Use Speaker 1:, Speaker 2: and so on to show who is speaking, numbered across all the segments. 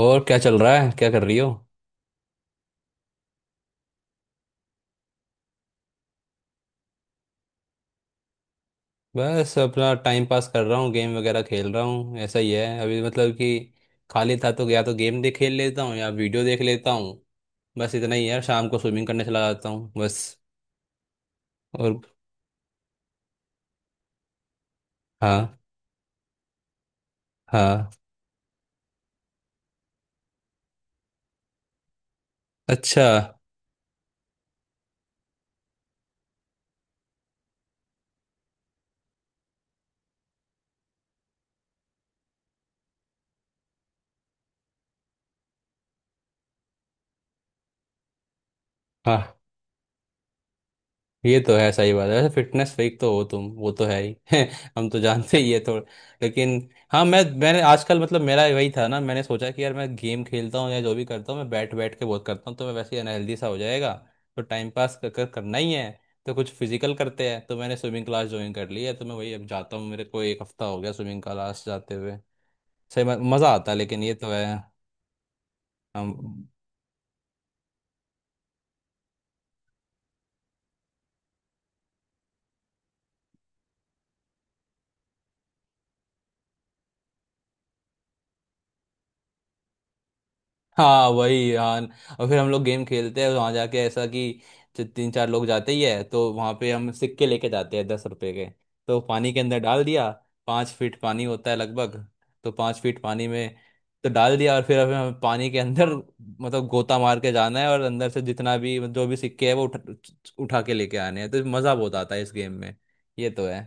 Speaker 1: और क्या चल रहा है? क्या कर रही हो? बस अपना टाइम पास कर रहा हूँ, गेम वगैरह खेल रहा हूँ। ऐसा ही है अभी, मतलब कि खाली था तो या तो गेम देख खेल लेता हूँ या वीडियो देख लेता हूँ। बस इतना ही है, शाम को स्विमिंग करने चला जाता हूँ बस। और। हाँ। हाँ। अच्छा। हाँ, ये तो है, सही बात है। वैसे फिटनेस फ्रीक तो हो तुम, वो तो है ही। हम तो जानते ही है थोड़ा, लेकिन। हाँ, मैंने आजकल, मतलब मेरा वही था ना, मैंने सोचा कि यार मैं गेम खेलता हूँ या जो भी करता हूँ, मैं बैठ बैठ के बहुत करता हूँ, तो मैं वैसे ही अनहेल्दी सा हो जाएगा। तो टाइम पास कर, कर करना ही है। तो कुछ फिजिकल करते हैं, तो मैंने स्विमिंग क्लास ज्वाइन कर ली है। तो मैं वही अब जाता हूँ, मेरे को एक हफ्ता हो गया स्विमिंग क्लास जाते हुए। सही में मज़ा आता है, लेकिन ये तो है। हम। हाँ, वही यार। और फिर हम लोग गेम खेलते हैं वहां जाके, ऐसा कि जो तीन चार लोग जाते ही है तो वहां पे हम सिक्के लेके जाते हैं, 10 रुपए के। तो पानी के अंदर डाल दिया। 5 फीट पानी होता है लगभग। तो 5 फीट पानी में तो डाल दिया, और फिर हमें हमें पानी के अंदर, मतलब गोता मार के जाना है, और अंदर से जितना भी, मतलब जो भी सिक्के है, वो उठा के लेके आने हैं। तो मजा बहुत आता है इस गेम में, ये तो है।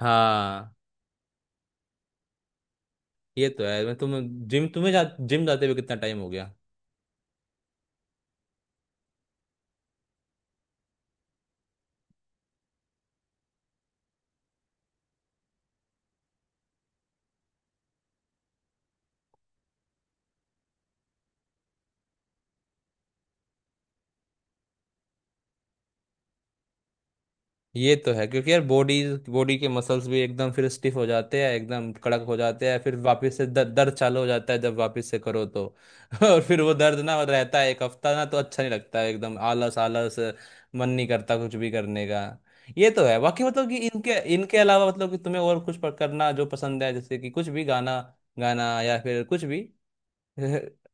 Speaker 1: हाँ, ये तो है। तुम जिम जाते हुए कितना टाइम हो गया? ये तो है, क्योंकि यार बॉडी बॉडी के मसल्स भी एकदम फिर स्टिफ हो जाते हैं, एकदम कड़क हो जाते हैं, फिर वापस से दर्द चालू हो जाता है जब वापस से करो तो। और फिर वो दर्द ना रहता है एक हफ्ता ना, तो अच्छा नहीं लगता है, एकदम आलस आलस। मन नहीं करता कुछ भी करने का। ये तो है। बाकी, मतलब कि इनके इनके अलावा, मतलब कि तुम्हें और कुछ पर करना जो पसंद है, जैसे कि कुछ भी गाना गाना या फिर कुछ भी।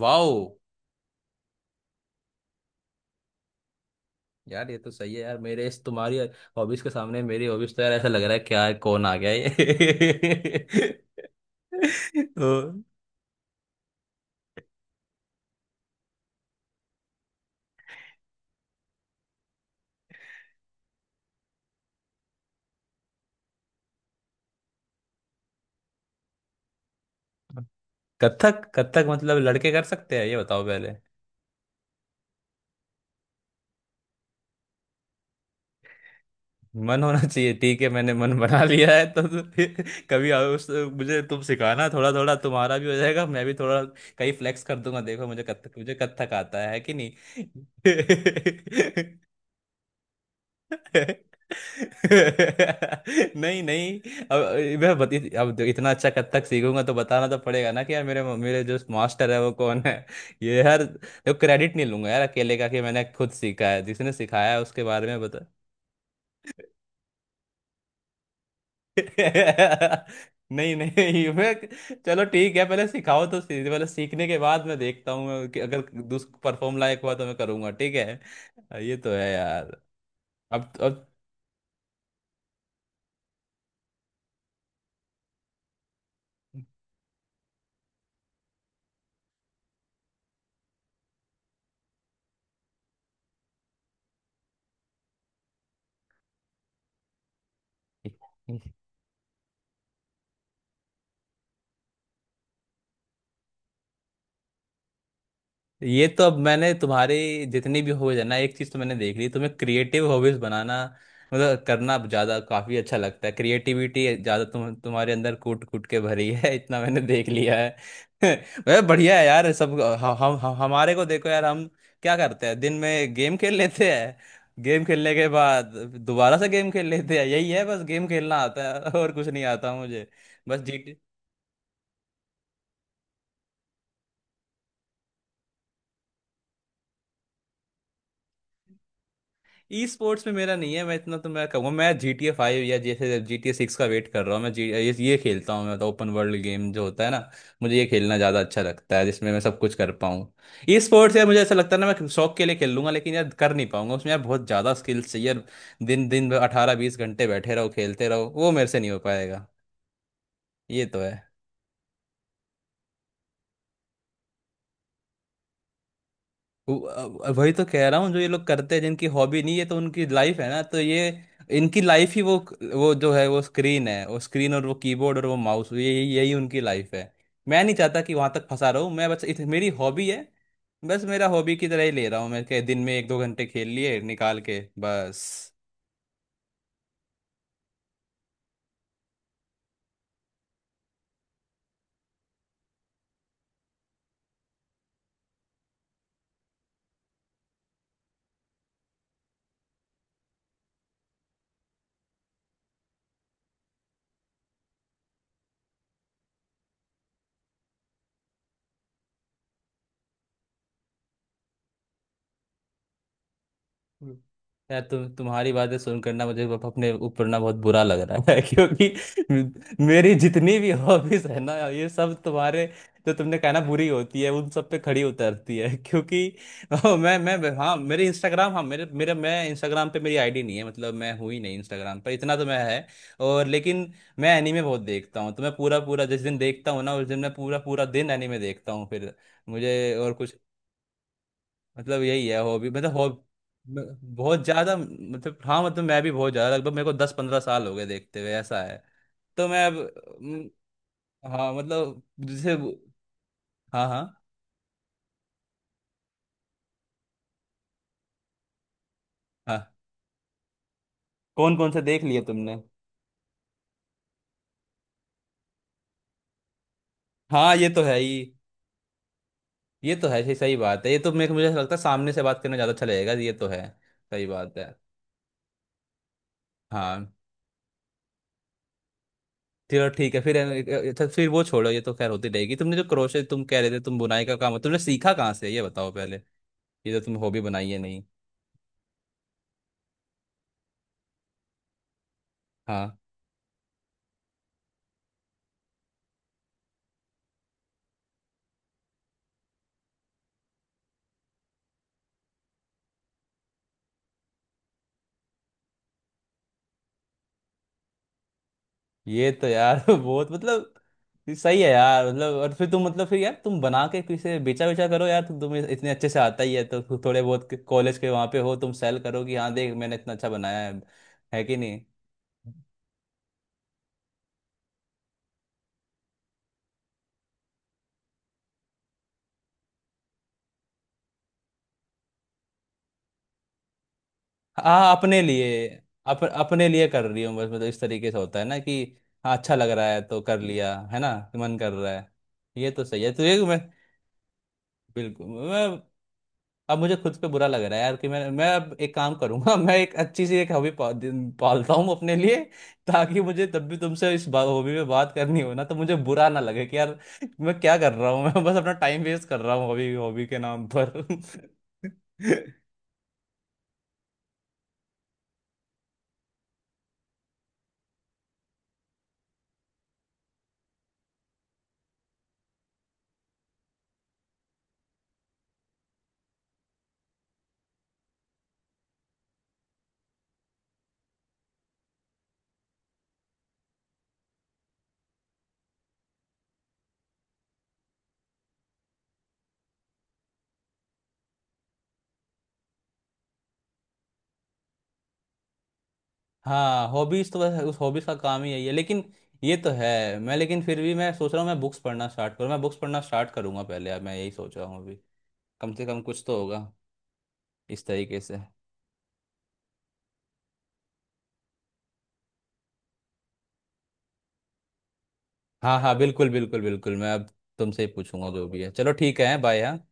Speaker 1: वाओ। यार ये तो सही है यार, मेरे इस तुम्हारी हॉबीज के सामने मेरी हॉबीज तो, यार ऐसा लग रहा है क्या है, कौन आ गया ये। तो कथक, कथक मतलब लड़के कर सकते हैं, ये बताओ पहले। मन होना चाहिए, ठीक है, मैंने मन बना लिया है तो फिर कभी आओ, उस मुझे तुम सिखाना थोड़ा थोड़ा, तुम्हारा भी हो जाएगा, मैं भी थोड़ा कहीं फ्लेक्स कर दूंगा, देखो मुझे कथक, मुझे कथक आता है कि नहीं। नहीं नहीं, अब अब इतना अच्छा कथक सीखूंगा तो बताना तो पड़ेगा ना कि यार मेरे मेरे जो मास्टर है वो कौन है। ये यार, देखो क्रेडिट नहीं लूंगा यार अकेले का कि मैंने खुद सीखा है, जिसने सिखाया है उसके बारे में बता। नहीं नहीं मैं, चलो ठीक है, पहले सिखाओ तो सही, पहले सीखने के बाद मैं देखता हूँ मैं कि अगर दूस परफॉर्म लायक हुआ तो मैं करूंगा, ठीक है। ये तो है यार। अब अब ये तो अब मैंने तुम्हारे जितनी भी हॉबीज है ना, एक चीज तो मैंने देख ली, तुम्हें क्रिएटिव हॉबीज बनाना, मतलब करना ज्यादा काफी अच्छा लगता है, क्रिएटिविटी ज्यादा तुम तुम्हारे अंदर कूट कूट के भरी है, इतना मैंने देख लिया है। वह बढ़िया है यार, सब हम हमारे को देखो यार, हम क्या करते हैं दिन में, गेम खेल लेते हैं, गेम खेलने के बाद दोबारा से गेम खेल लेते हैं, यही है। बस गेम खेलना आता है, और कुछ नहीं आता मुझे। बस जी। ई स्पोर्ट्स में मेरा नहीं है, मैं इतना तो मैं कहूँगा, मैं GTA 5 या जैसे GTA 6 का वेट कर रहा हूँ। मैं जी ये खेलता हूँ मैं, मतलब ओपन वर्ल्ड गेम जो होता है ना, मुझे ये खेलना ज़्यादा अच्छा लगता है, जिसमें मैं सब कुछ कर पाऊँ। ई स्पोर्ट्स, यार मुझे ऐसा लगता है ना, मैं शौक के लिए खेल लूंगा, लेकिन यार कर नहीं पाऊंगा उसमें, यार बहुत ज़्यादा स्किल्स चाहिए यार। दिन दिन 18-20 घंटे बैठे रहो खेलते रहो, वो मेरे से नहीं हो पाएगा। ये तो है। वो- वही तो कह रहा हूँ जो ये लोग करते हैं, जिनकी हॉबी नहीं है तो उनकी लाइफ है ना, तो ये इनकी लाइफ ही वो जो है वो स्क्रीन है, वो स्क्रीन और वो कीबोर्ड और वो माउस, ये यही यही उनकी लाइफ है। मैं नहीं चाहता कि वहां तक फंसा रहूं मैं, बस मेरी हॉबी है, बस मेरा हॉबी की तरह ही ले रहा हूँ मैं के, दिन में एक दो घंटे खेल लिए निकाल के, बस। हम्म। यार तुम तुम्हारी बातें सुनकर ना, मुझे अपने ऊपर ना बहुत बुरा लग रहा है, क्योंकि मेरी जितनी भी हॉबीज है ना, ये सब तुम्हारे जो तुमने कहा ना बुरी होती है उन सब पे खड़ी उतरती है। क्योंकि ओ, मैं हाँ मेरे इंस्टाग्राम, हाँ मेरे मेरे मैं इंस्टाग्राम पे मेरी आईडी नहीं है, मतलब मैं हूँ ही नहीं इंस्टाग्राम पर, इतना तो मैं है। और लेकिन मैं एनीमे बहुत देखता हूँ, तो मैं पूरा पूरा जिस दिन देखता हूँ ना, उस दिन मैं पूरा पूरा दिन एनीमे देखता हूँ। फिर मुझे और कुछ, मतलब यही है हॉबी, मतलब हॉब म- बहुत ज्यादा, मतलब हाँ, मतलब मैं भी बहुत ज्यादा, लगभग मेरे को 10-15 साल हो गए देखते हुए, ऐसा है। तो मैं अब म, हाँ मतलब जैसे हाँ। हाँ। हाँ, कौन कौन से देख लिए तुमने? हाँ, ये तो है ही। ये तो है, सही सही बात है। ये तो मेरे को, मुझे ऐसा लगता है सामने से बात करना ज्यादा अच्छा लगेगा, ये तो है, सही बात है। हाँ। चलो ठीक है फिर अच्छा, फिर वो छोड़ो, ये तो खैर होती रहेगी। तुमने जो क्रोशे तुम कह रहे थे, तुम बुनाई का काम तुमने सीखा कहाँ से, ये बताओ पहले। ये तो तुम हॉबी बनाई है नहीं? हाँ, ये तो यार बहुत मतलब, ये सही है यार मतलब। और फिर तुम मतलब, फिर यार तुम बना के किसे बेचा, करो यार, तुम तुम्हें इतने अच्छे से आता ही है, तो थोड़े बहुत कॉलेज के वहाँ पे हो तुम, सेल करो कि हाँ देख मैंने इतना अच्छा बनाया है कि नहीं। हाँ, अपने लिए, अपने लिए कर रही हूँ बस, मतलब इस तरीके से होता है ना कि हाँ अच्छा लग रहा है तो कर लिया है ना, मन कर रहा है, ये तो सही है। तो ये मैं, बिल्कुल मैं अब, मुझे खुद पे बुरा लग रहा है यार कि मैं अब एक काम करूंगा, मैं एक अच्छी सी एक हॉबी पालता हूँ अपने लिए, ताकि मुझे तब भी तुमसे इस हॉबी में बात करनी हो ना, तो मुझे बुरा ना लगे कि यार मैं क्या कर रहा हूँ, मैं बस अपना टाइम वेस्ट कर रहा हूँ हॉबी हॉबी के नाम पर। हाँ, हॉबीज तो बस उस हॉबीज का काम ही यही है, लेकिन ये तो है। मैं लेकिन फिर भी मैं सोच रहा हूँ, मैं बुक्स पढ़ना स्टार्ट करूँ, मैं बुक्स पढ़ना स्टार्ट करूंगा पहले, अब मैं यही सोच रहा हूँ अभी, कम से कम कुछ तो होगा इस तरीके से। हाँ हाँ, बिल्कुल बिल्कुल बिल्कुल, मैं अब तुमसे ही पूछूंगा जो भी है। चलो ठीक है, बाय। हाँ।